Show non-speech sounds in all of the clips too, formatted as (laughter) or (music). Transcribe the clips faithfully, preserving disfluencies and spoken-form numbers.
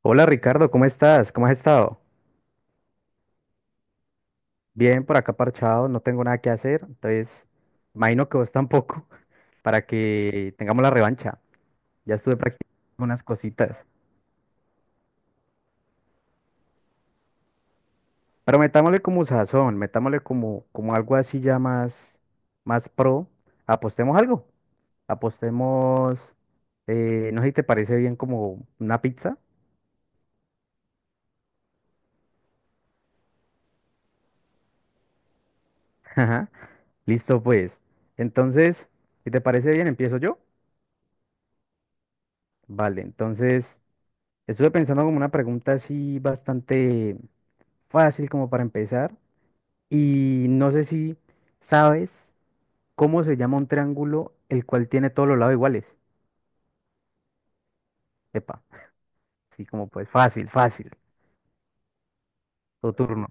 Hola Ricardo, ¿cómo estás? ¿Cómo has estado? Bien, por acá parchado, no tengo nada que hacer, entonces imagino que vos tampoco, (laughs) para que tengamos la revancha. Ya estuve practicando unas cositas, pero metámosle como sazón, metámosle como, como algo así ya más, más pro. Apostemos algo, apostemos, eh, no sé si te parece bien como una pizza. (laughs) Ajá, listo pues. Entonces, si te parece bien, empiezo yo. Vale, entonces, estuve pensando como una pregunta así bastante fácil como para empezar y no sé si sabes cómo se llama un triángulo el cual tiene todos los lados iguales. Epa, así como pues fácil, fácil, tu turno.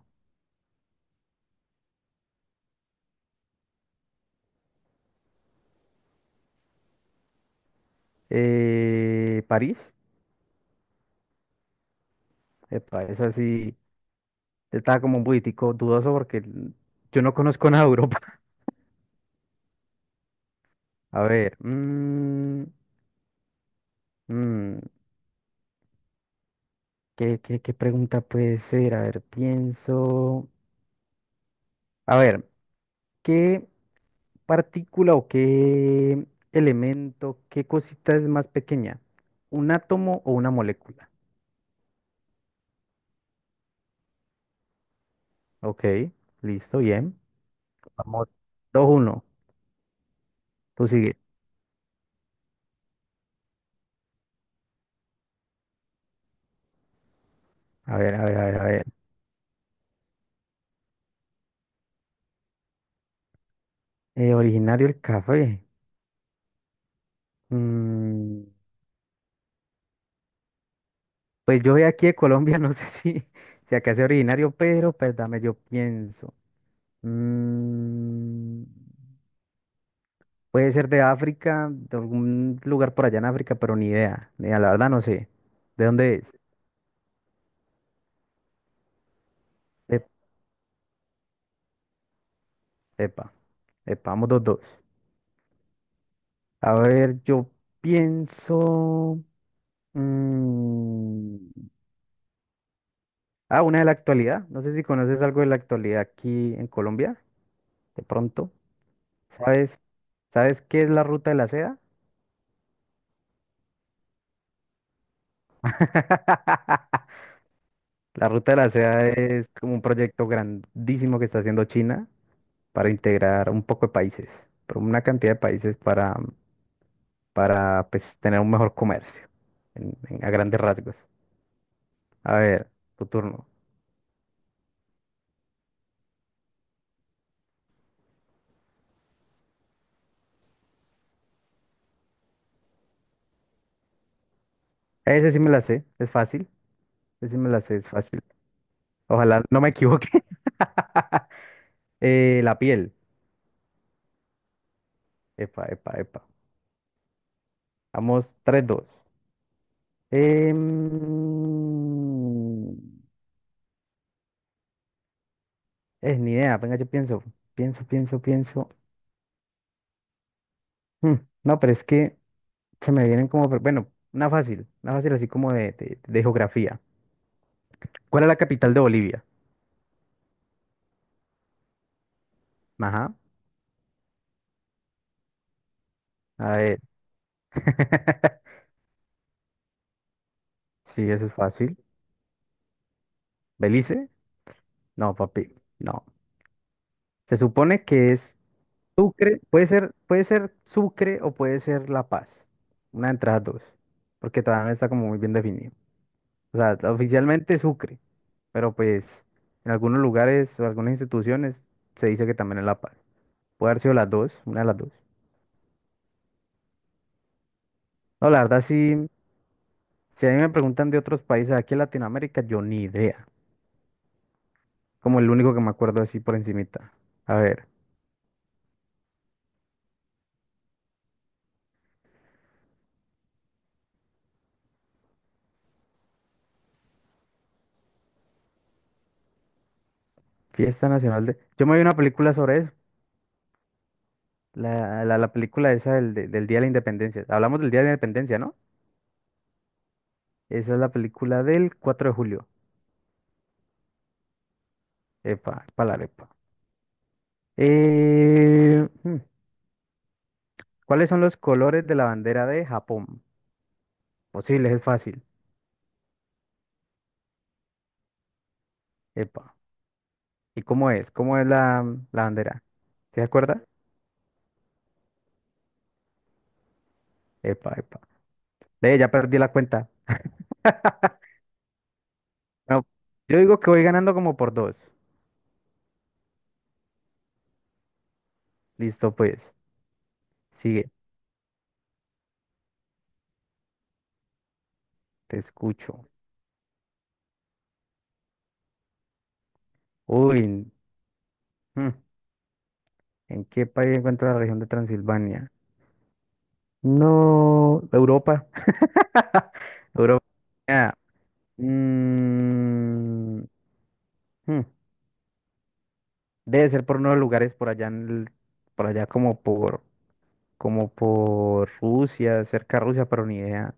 Eh, París, epa, esa sí está como un poquitico dudoso porque yo no conozco (laughs) nada de Europa. (laughs) A ver, mm, mm, ¿qué, qué, qué pregunta puede ser? A ver, pienso. A ver, ¿qué partícula o qué elemento, qué cosita es más pequeña? ¿Un átomo o una molécula? Ok, listo, bien. Vamos, dos uno. Tú sigue. A ver, a ver, a ver, a ver. Eh, originario el café. Mm, pues yo soy aquí de Colombia, (laughs) no sé si, (laughs) si acá es originario, pero pues dame, yo pienso. Mm, puede ser de África, de algún lugar por allá en África, pero ni idea. Ni idea, la verdad no sé. ¿De dónde es? Epa, epa, vamos dos, dos. A ver, yo pienso. mm, Ah, una de la actualidad. No sé si conoces algo de la actualidad aquí en Colombia, de pronto. ¿Sabes? ¿Sabes qué es la Ruta de la Seda? (laughs) La Ruta de la Seda es como un proyecto grandísimo que está haciendo China para integrar un poco de países, pero una cantidad de países para, para pues, tener un mejor comercio, en- en- a grandes rasgos. A ver, tu turno. Ese sí me la sé, es fácil. Ese sí me la sé, es fácil. Ojalá no me equivoque. (laughs) Eh, la piel. Epa, epa, epa. Vamos, tres, dos. Em, Es ni idea, venga, yo pienso. Pienso, pienso, pienso. Mm, No, pero es que se me vienen como, pero bueno, una fácil. Una fácil así como de, de, de geografía. ¿Cuál es la capital de Bolivia? Ajá. A ver. (laughs) Sí, eso es fácil. ¿Belice? No, papi. No. Se supone que es Sucre, puede ser, puede ser Sucre o puede ser La Paz. Una de entre las dos, porque todavía no está como muy bien definido. O sea, oficialmente Sucre, pero pues en algunos lugares o algunas instituciones se dice que también es La Paz. Puede haber sido las dos, una de las dos. No, la verdad sí, si a mí me preguntan de otros países aquí en Latinoamérica, yo ni idea. Como el único que me acuerdo así por encimita. A ver, fiesta nacional de... Yo me vi una película sobre eso, la, la, la película esa del, de- del Día de la Independencia. Hablamos del Día de la Independencia, ¿no? Esa es la película del cuatro de julio. Epa, palarepa. Eh, hmm, ¿cuáles son los colores de la bandera de Japón? Posibles, es fácil. Epa. ¿Y cómo es? ¿Cómo es la, la bandera? ¿Sí? ¿Se acuerda? Epa, epa. Ve, ya perdí la cuenta. No, yo digo que voy ganando como por dos. Listo, pues. Sigue, te escucho. Uy, hmm, ¿en qué país encuentra la región de Transilvania? No, Europa. (laughs) Europa. Mm, hmm, Debe ser por unos lugares por allá, en el- por allá como por, como por Rusia, cerca de Rusia, pero ni idea.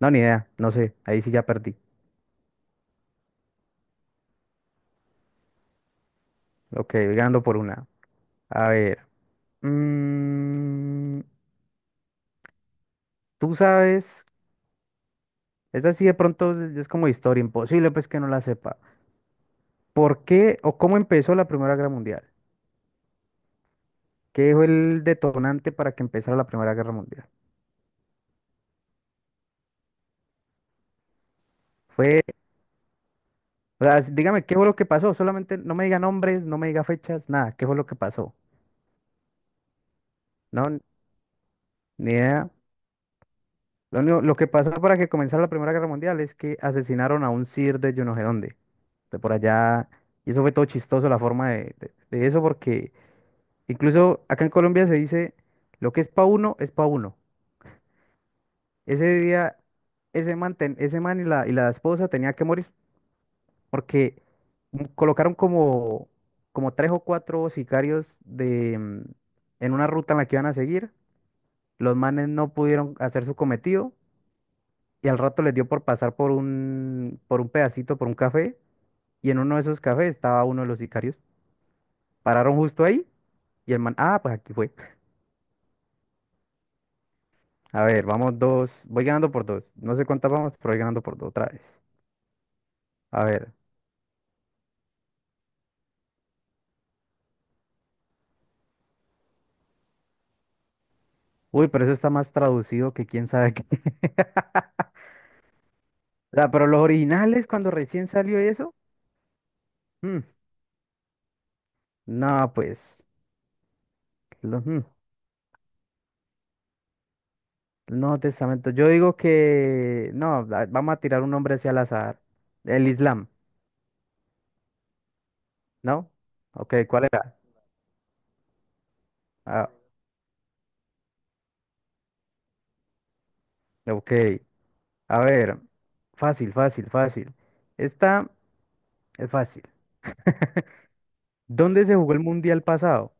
No, ni idea, no sé, ahí sí ya perdí. Ok, voy ganando por una. A ver, mm, tú sabes, esta sí de pronto es como historia, imposible pues que no la sepa. ¿Por qué o cómo empezó la Primera Guerra Mundial? ¿Qué fue el detonante para que empezara la Primera Guerra Mundial? Fue, o sea, s- dígame qué fue lo que pasó. Solamente no me diga nombres, no me diga fechas, nada. ¿Qué fue lo que pasó? No, n- ni idea. Lo único, lo que pasó para que comenzara la Primera Guerra Mundial es que asesinaron a un sir de yo no sé dónde, de por allá. Y eso fue todo chistoso la forma de, de- de eso, porque incluso acá en Colombia se dice, lo que es pa' uno, es pa' uno. Ese día, ese man, ten- ese man y la, y la esposa tenía que morir. Porque mm, colocaron como, como tres o cuatro sicarios de, mm, en una ruta en la que iban a seguir. Los manes no pudieron hacer su cometido y al rato les dio por pasar por un, por un pedacito, por un café, y en uno de esos cafés estaba uno de los sicarios. Pararon justo ahí y el man, ah, pues aquí fue. (laughs) A ver, vamos dos, voy ganando por dos. No sé cuántas vamos, pero voy ganando por dos otra vez. A ver. Uy, pero eso está más traducido que quién sabe qué. (laughs) O sea, pero los originales cuando recién salió eso. mm, No, pues, lo- mm, no testamento. Yo digo que, no, la- vamos a tirar un nombre hacia al azar. El Islam, ¿no? Ok, ¿cuál era? Ah, ok, a ver, fácil, fácil, fácil. Esta es fácil. ¿Dónde se jugó el mundial pasado?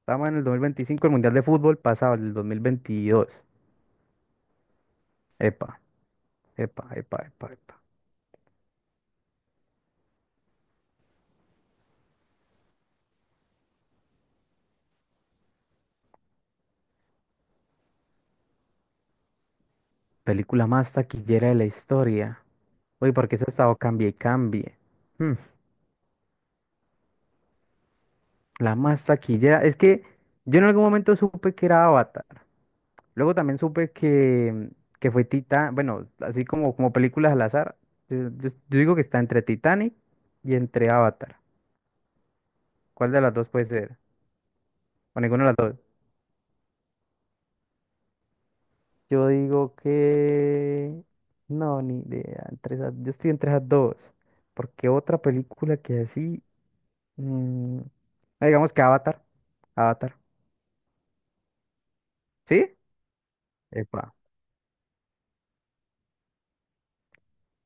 Estamos en el dos mil veinticinco, el mundial de fútbol pasado, el dos mil veintidós. Epa, epa, epa, epa, epa. Película más taquillera de la historia. Uy, porque eso ha estado cambie y cambie. Hmm. La más taquillera. Es que yo en algún momento supe que era Avatar. Luego también supe que, que fue Titán. Bueno, así como, como películas al azar. Yo, yo- yo digo que está entre Titanic y entre Avatar. ¿Cuál de las dos puede ser? O ninguna de las dos. Yo digo que... No, ni idea. Entre esas- Yo estoy entre esas dos. Porque otra película que así... mm, ah, digamos que Avatar. Avatar. ¿Sí? Epa.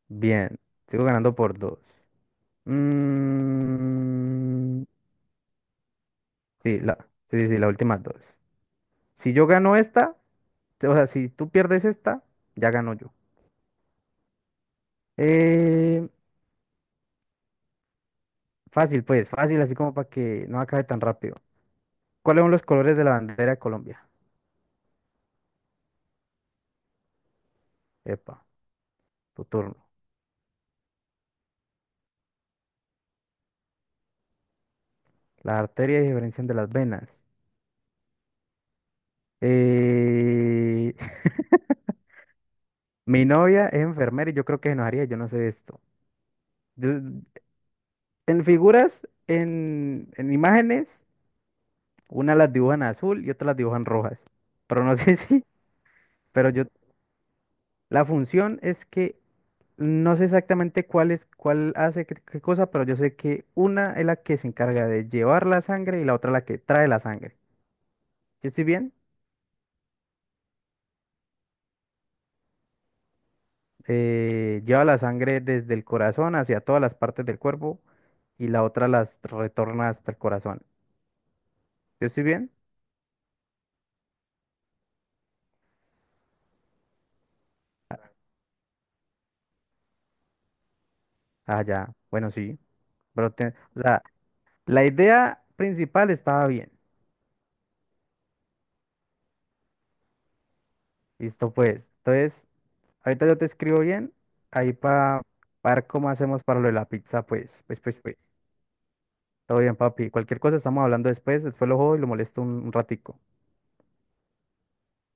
Bien. Sigo ganando por dos. Mm, sí, la, sí, sí, sí, las últimas dos. Si yo gano esta, te- o sea, si tú pierdes esta, ya gano yo. Eh, fácil, pues, fácil, así como para que no acabe tan rápido. ¿Cuáles son los colores de la bandera de Colombia? Epa, tu turno. Las arterias diferencian de las venas. Eh, (laughs) mi novia es enfermera y yo creo que se enojaría, yo no sé esto. Yo- en figuras, en, en imágenes. Una las dibujan azul y otra las dibujan rojas. Pero no sé (laughs) si, pero yo, la función es que no sé exactamente cuál es, cuál hace qué, qué cosa, pero yo sé que una es la que se encarga de llevar la sangre y la otra la que trae la sangre. ¿Yo estoy bien? Eh, lleva la sangre desde el corazón hacia todas las partes del cuerpo y la otra las retorna hasta el corazón. ¿Yo estoy bien? Ah, ya. Bueno, sí. Pero te- o sea, la idea principal estaba bien. Listo, pues. Entonces, ahorita yo te escribo bien, ahí para ver cómo hacemos para lo de la pizza, pues, pues, pues, pues. Todo bien, papi. Cualquier cosa estamos hablando después, después lo juego y lo molesto un, un ratico.